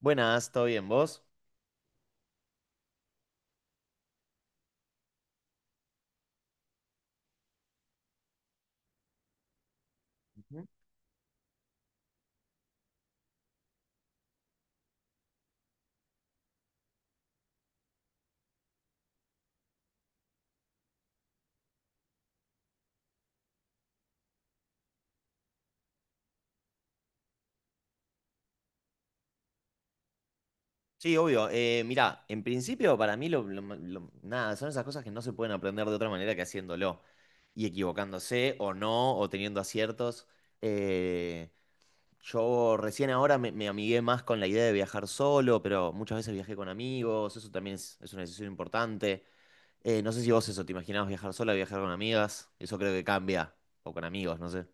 Buenas, ¿todo bien? ¿Vos? Ujú. Sí, obvio. Mirá, en principio para mí lo- nada, son esas cosas que no se pueden aprender de otra manera que haciéndolo y equivocándose o no, o teniendo aciertos. Eh, yo recién ahora me amigué más con la idea de viajar solo, pero muchas veces viajé con amigos, eso también es una decisión importante. No sé si vos eso, ¿te imaginabas viajar sola, viajar con amigas? Eso creo que cambia, o con amigos, no sé.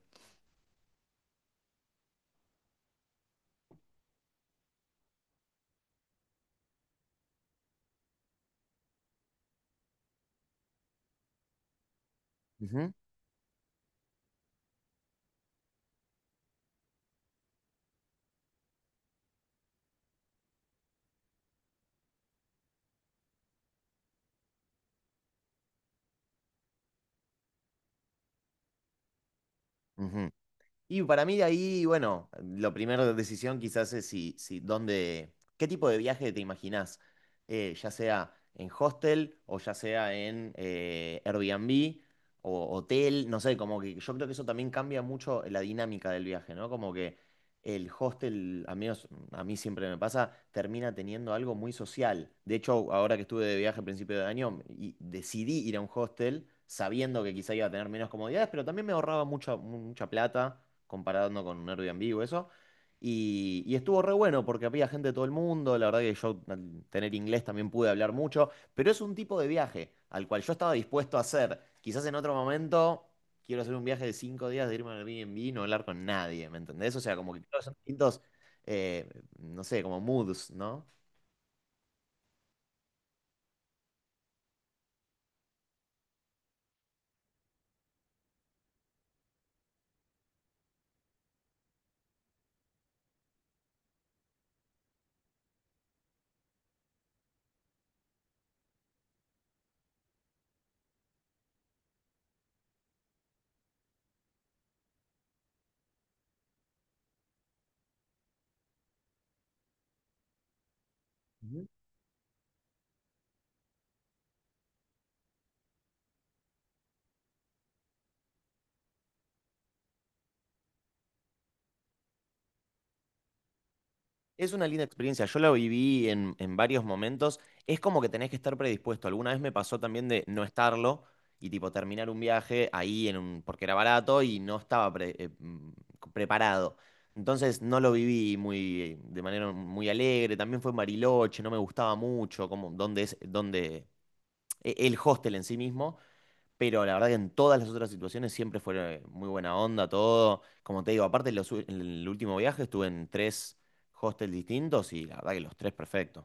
Ujú, ujú. Y para mí de ahí, bueno, la primera decisión quizás es si dónde, qué tipo de viaje te imaginás. Ya sea en hostel o ya sea en Airbnb o hotel, no sé, como que yo creo que eso también cambia mucho la dinámica del viaje, ¿no? Como que el hostel, a mí siempre me pasa, termina teniendo algo muy social. De hecho, ahora que estuve de viaje a principio de año, y decidí ir a un hostel sabiendo que quizá iba a tener menos comodidades, pero también me ahorraba mucha plata comparando con un Airbnb o eso. Y estuvo re bueno porque había gente de todo el mundo, la verdad que yo al tener inglés también pude hablar mucho, pero es un tipo de viaje al cual yo estaba dispuesto a hacer. Quizás en otro momento quiero hacer un viaje de 5 días de irme al Airbnb y no hablar con nadie, ¿me entendés? O sea, como que creo que son distintos, eh, no sé, como moods, ¿no? Ujú. Es una linda experiencia, yo la viví en varios momentos, es como que tenés que estar predispuesto, alguna vez me pasó también de no estarlo y tipo terminar un viaje ahí en un, porque era barato y no estaba preparado. Entonces no lo viví muy, de manera muy alegre, también fue en Bariloche, no me gustaba mucho, como dónde es, dónde, el hostel en sí mismo. Pero la verdad que en todas las otras situaciones siempre fue muy buena onda, todo. Como te digo, aparte en el último viaje estuve en 3 hostels distintos y la verdad que los tres perfectos.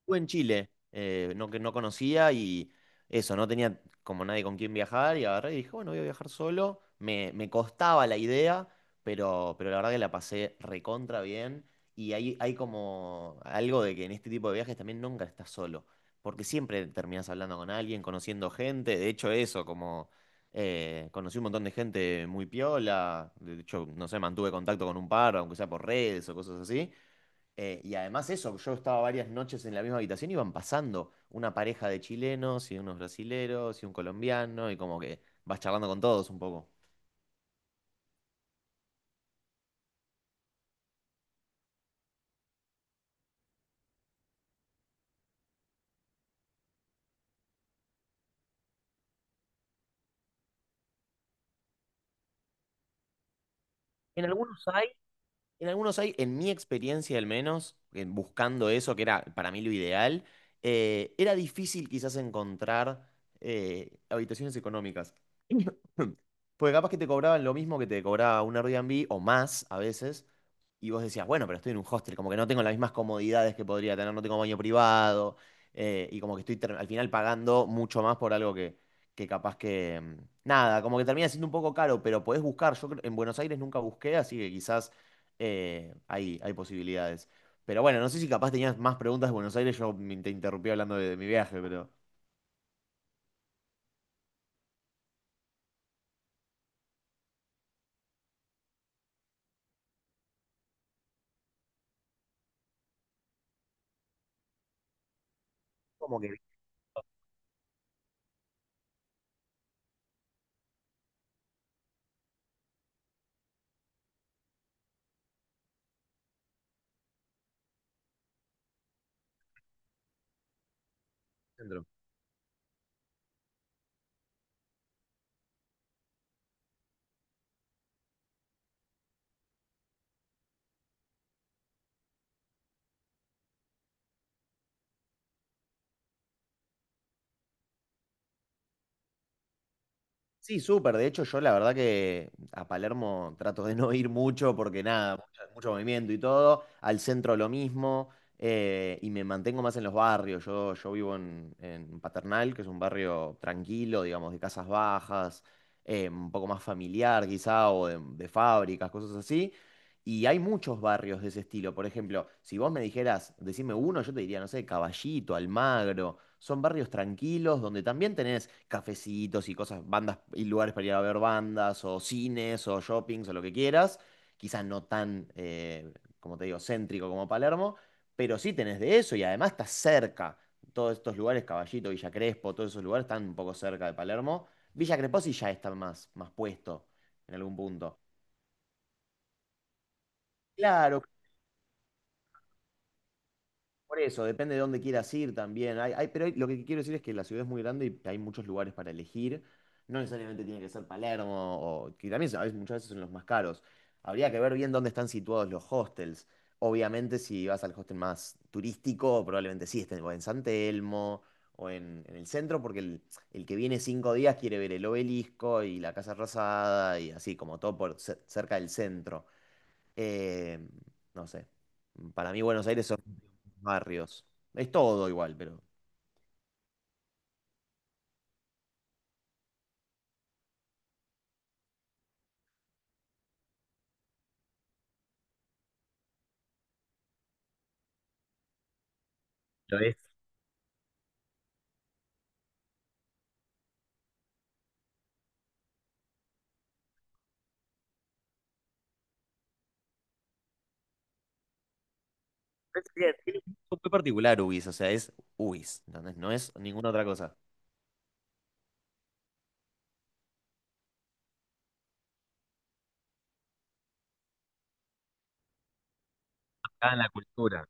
Estuve en Chile, que no conocía y eso, no tenía como nadie con quien viajar y agarré y dije, bueno, voy a viajar solo. Me costaba la idea, pero la verdad que la pasé recontra bien y hay como algo de que en este tipo de viajes también nunca estás solo, porque siempre terminás hablando con alguien, conociendo gente, de hecho eso, como conocí un montón de gente muy piola, de hecho, no sé, mantuve contacto con un par, aunque sea por redes o cosas así. Y además eso, yo estaba varias noches en la misma habitación, iban pasando una pareja de chilenos y unos brasileros y un colombiano y como que vas charlando con todos un poco. En algunos hay, en algunos hay, en mi experiencia al menos, en buscando eso, que era para mí lo ideal, era difícil quizás encontrar habitaciones económicas. Porque capaz que te cobraban lo mismo que te cobraba un Airbnb o más a veces, y vos decías, bueno, pero estoy en un hostel, como que no tengo las mismas comodidades que podría tener, no tengo baño privado, y como que al final pagando mucho más por algo que capaz que… nada, como que termina siendo un poco caro, pero podés buscar. En Buenos Aires nunca busqué, así que quizás hay posibilidades. Pero bueno, no sé si capaz tenías más preguntas de Buenos Aires, te interrumpí hablando de mi viaje, pero… Como que viste el centro. Sí, súper. De hecho, yo la verdad que a Palermo trato de no ir mucho porque nada, mucho movimiento y todo. Al centro lo mismo. Y me mantengo más en los barrios. Yo vivo en Paternal, que es un barrio tranquilo, digamos, de casas bajas, un poco más familiar quizá, o de fábricas, cosas así. Y hay muchos barrios de ese estilo. Por ejemplo, si vos me dijeras, decime uno, yo te diría, no sé, Caballito, Almagro. Son barrios tranquilos donde también tenés cafecitos y cosas, bandas y lugares para ir a ver bandas, o cines, o shoppings, o lo que quieras. Quizás no tan, como te digo, céntrico como Palermo, pero sí tenés de eso y además estás cerca. Todos estos lugares, Caballito, Villa Crespo, todos esos lugares están un poco cerca de Palermo. Villa Crespo sí ya está más puesto en algún punto. Claro, por eso, depende de dónde quieras ir también. Lo que quiero decir es que la ciudad es muy grande y hay muchos lugares para elegir. No necesariamente tiene que ser Palermo, o, que también muchas veces son los más caros. Habría que ver bien dónde están situados los hostels. Obviamente, si vas al hostel más turístico, probablemente sí estén o en San Telmo en el centro, porque el que viene 5 días quiere ver el obelisco y la Casa Rosada y así, como todo por cerca del centro. Eh, no sé. Para mí, Buenos Aires barrios. Es todo igual, pero… pero es, tiene un gusto muy particular UBIS, o sea, es UBIS, ¿entendés? No es ninguna otra cosa. Está en la cultura.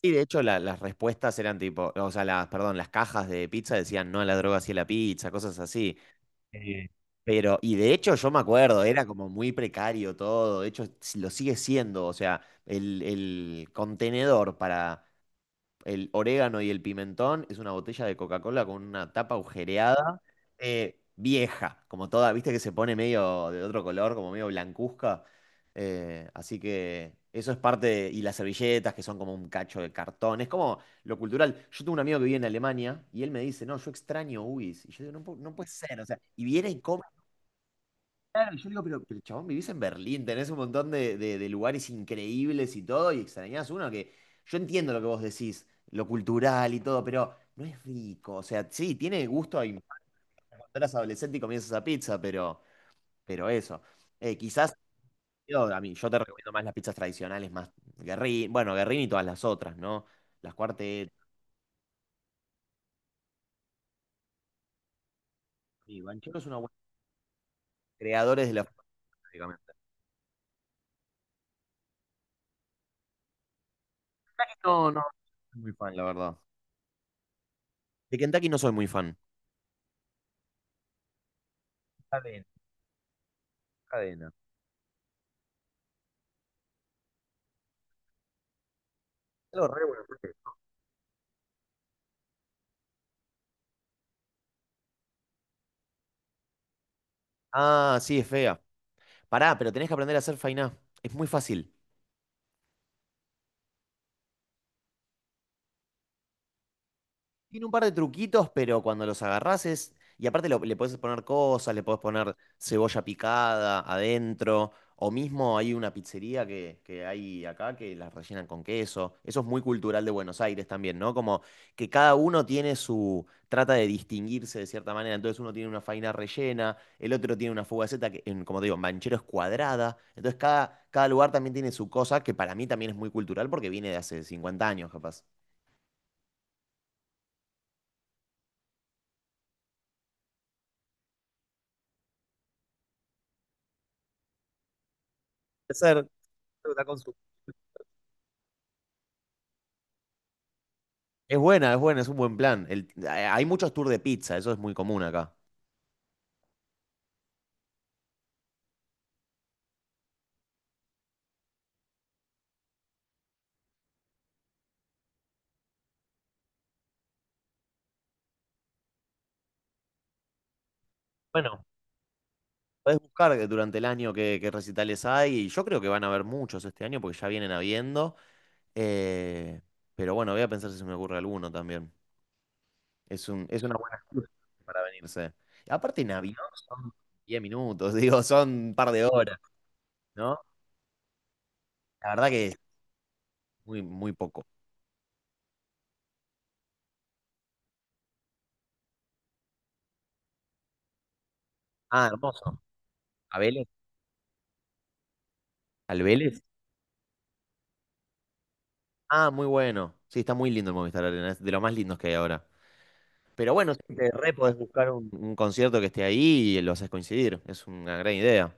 Sí, de hecho, las respuestas eran tipo, o sea, las, perdón, las cajas de pizza decían no a la droga, sí a la pizza, cosas así. Eh, Pero, y de hecho yo me acuerdo, era como muy precario todo, de hecho lo sigue siendo, o sea, el contenedor para el orégano y el pimentón, es una botella de Coca-Cola con una tapa agujereada, vieja, como toda, viste que se pone medio de otro color, como medio blancuzca. Así que eso es y las servilletas que son como un cacho de cartón, es como lo cultural. Yo tengo un amigo que vive en Alemania y él me dice, no, yo extraño UIS. Y yo digo, no, no puede ser, o sea, y viene y come. Claro, yo digo, pero chabón, vivís en Berlín, tenés un montón de lugares increíbles y todo, y extrañás uno que yo entiendo lo que vos decís, lo cultural y todo, pero no es rico. O sea, sí, tiene gusto a infancia cuando eras adolescente y comienzas a pizza, pero eso. Eh, quizás, yo, a mí, yo te recomiendo más las pizzas tradicionales, más Guerrín, bueno, Guerrín y todas las otras, ¿no? Las cuartetas, y Banchero es una buena, creadores de la prácticamente. Kentucky no, no soy muy fan, la verdad. De Kentucky no soy muy fan. Cadena, cadena. Lo re bueno, ¿no? Ah, sí, es fea. Pará, pero tenés que aprender a hacer fainá. Es muy fácil. Tiene un par de truquitos, pero cuando los agarrás es. Y aparte le puedes poner cosas, le puedes poner cebolla picada adentro. O mismo hay una pizzería que hay acá que las rellenan con queso. Eso es muy cultural de Buenos Aires también, ¿no? Como que cada uno tiene su. Trata de distinguirse de cierta manera. Entonces uno tiene una faina rellena, el otro tiene una fugaceta que, como te digo, en Banchero es cuadrada. Entonces cada lugar también tiene su cosa, que para mí también es muy cultural porque viene de hace 50 años, capaz. Puede ser, creo que está con su. Es buena, es buena, es un buen plan. Hay muchos tours de pizza, eso es muy común acá. Bueno, podés buscar que durante el año qué recitales hay y yo creo que van a haber muchos este año porque ya vienen habiendo. eh, pero bueno, voy a pensar si se me ocurre alguno también. Es una buena excusa para venirse. Y aparte, en avión son 10 minutos, digo, son un par de horas, ¿no? La verdad que es muy, muy poco. Ah, hermoso. ¿A Vélez? ¿Al Vélez? Ah, muy bueno. Sí, está muy lindo el Movistar Arena, es de los más lindos que hay ahora. Pero bueno, siempre re podés buscar un concierto que esté ahí y lo haces coincidir. Es una gran idea.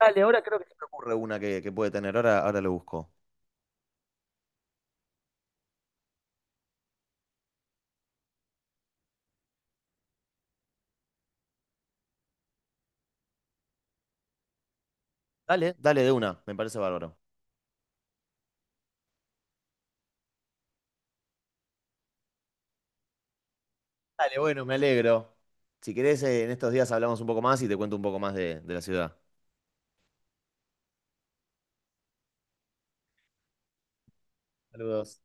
Dale, ahora creo que se me ocurre una que puede tener. Ahora lo busco. Dale, dale de una. Me parece bárbaro. Dale, bueno, me alegro. Si querés, en estos días hablamos un poco más y te cuento un poco más de la ciudad. Saludos.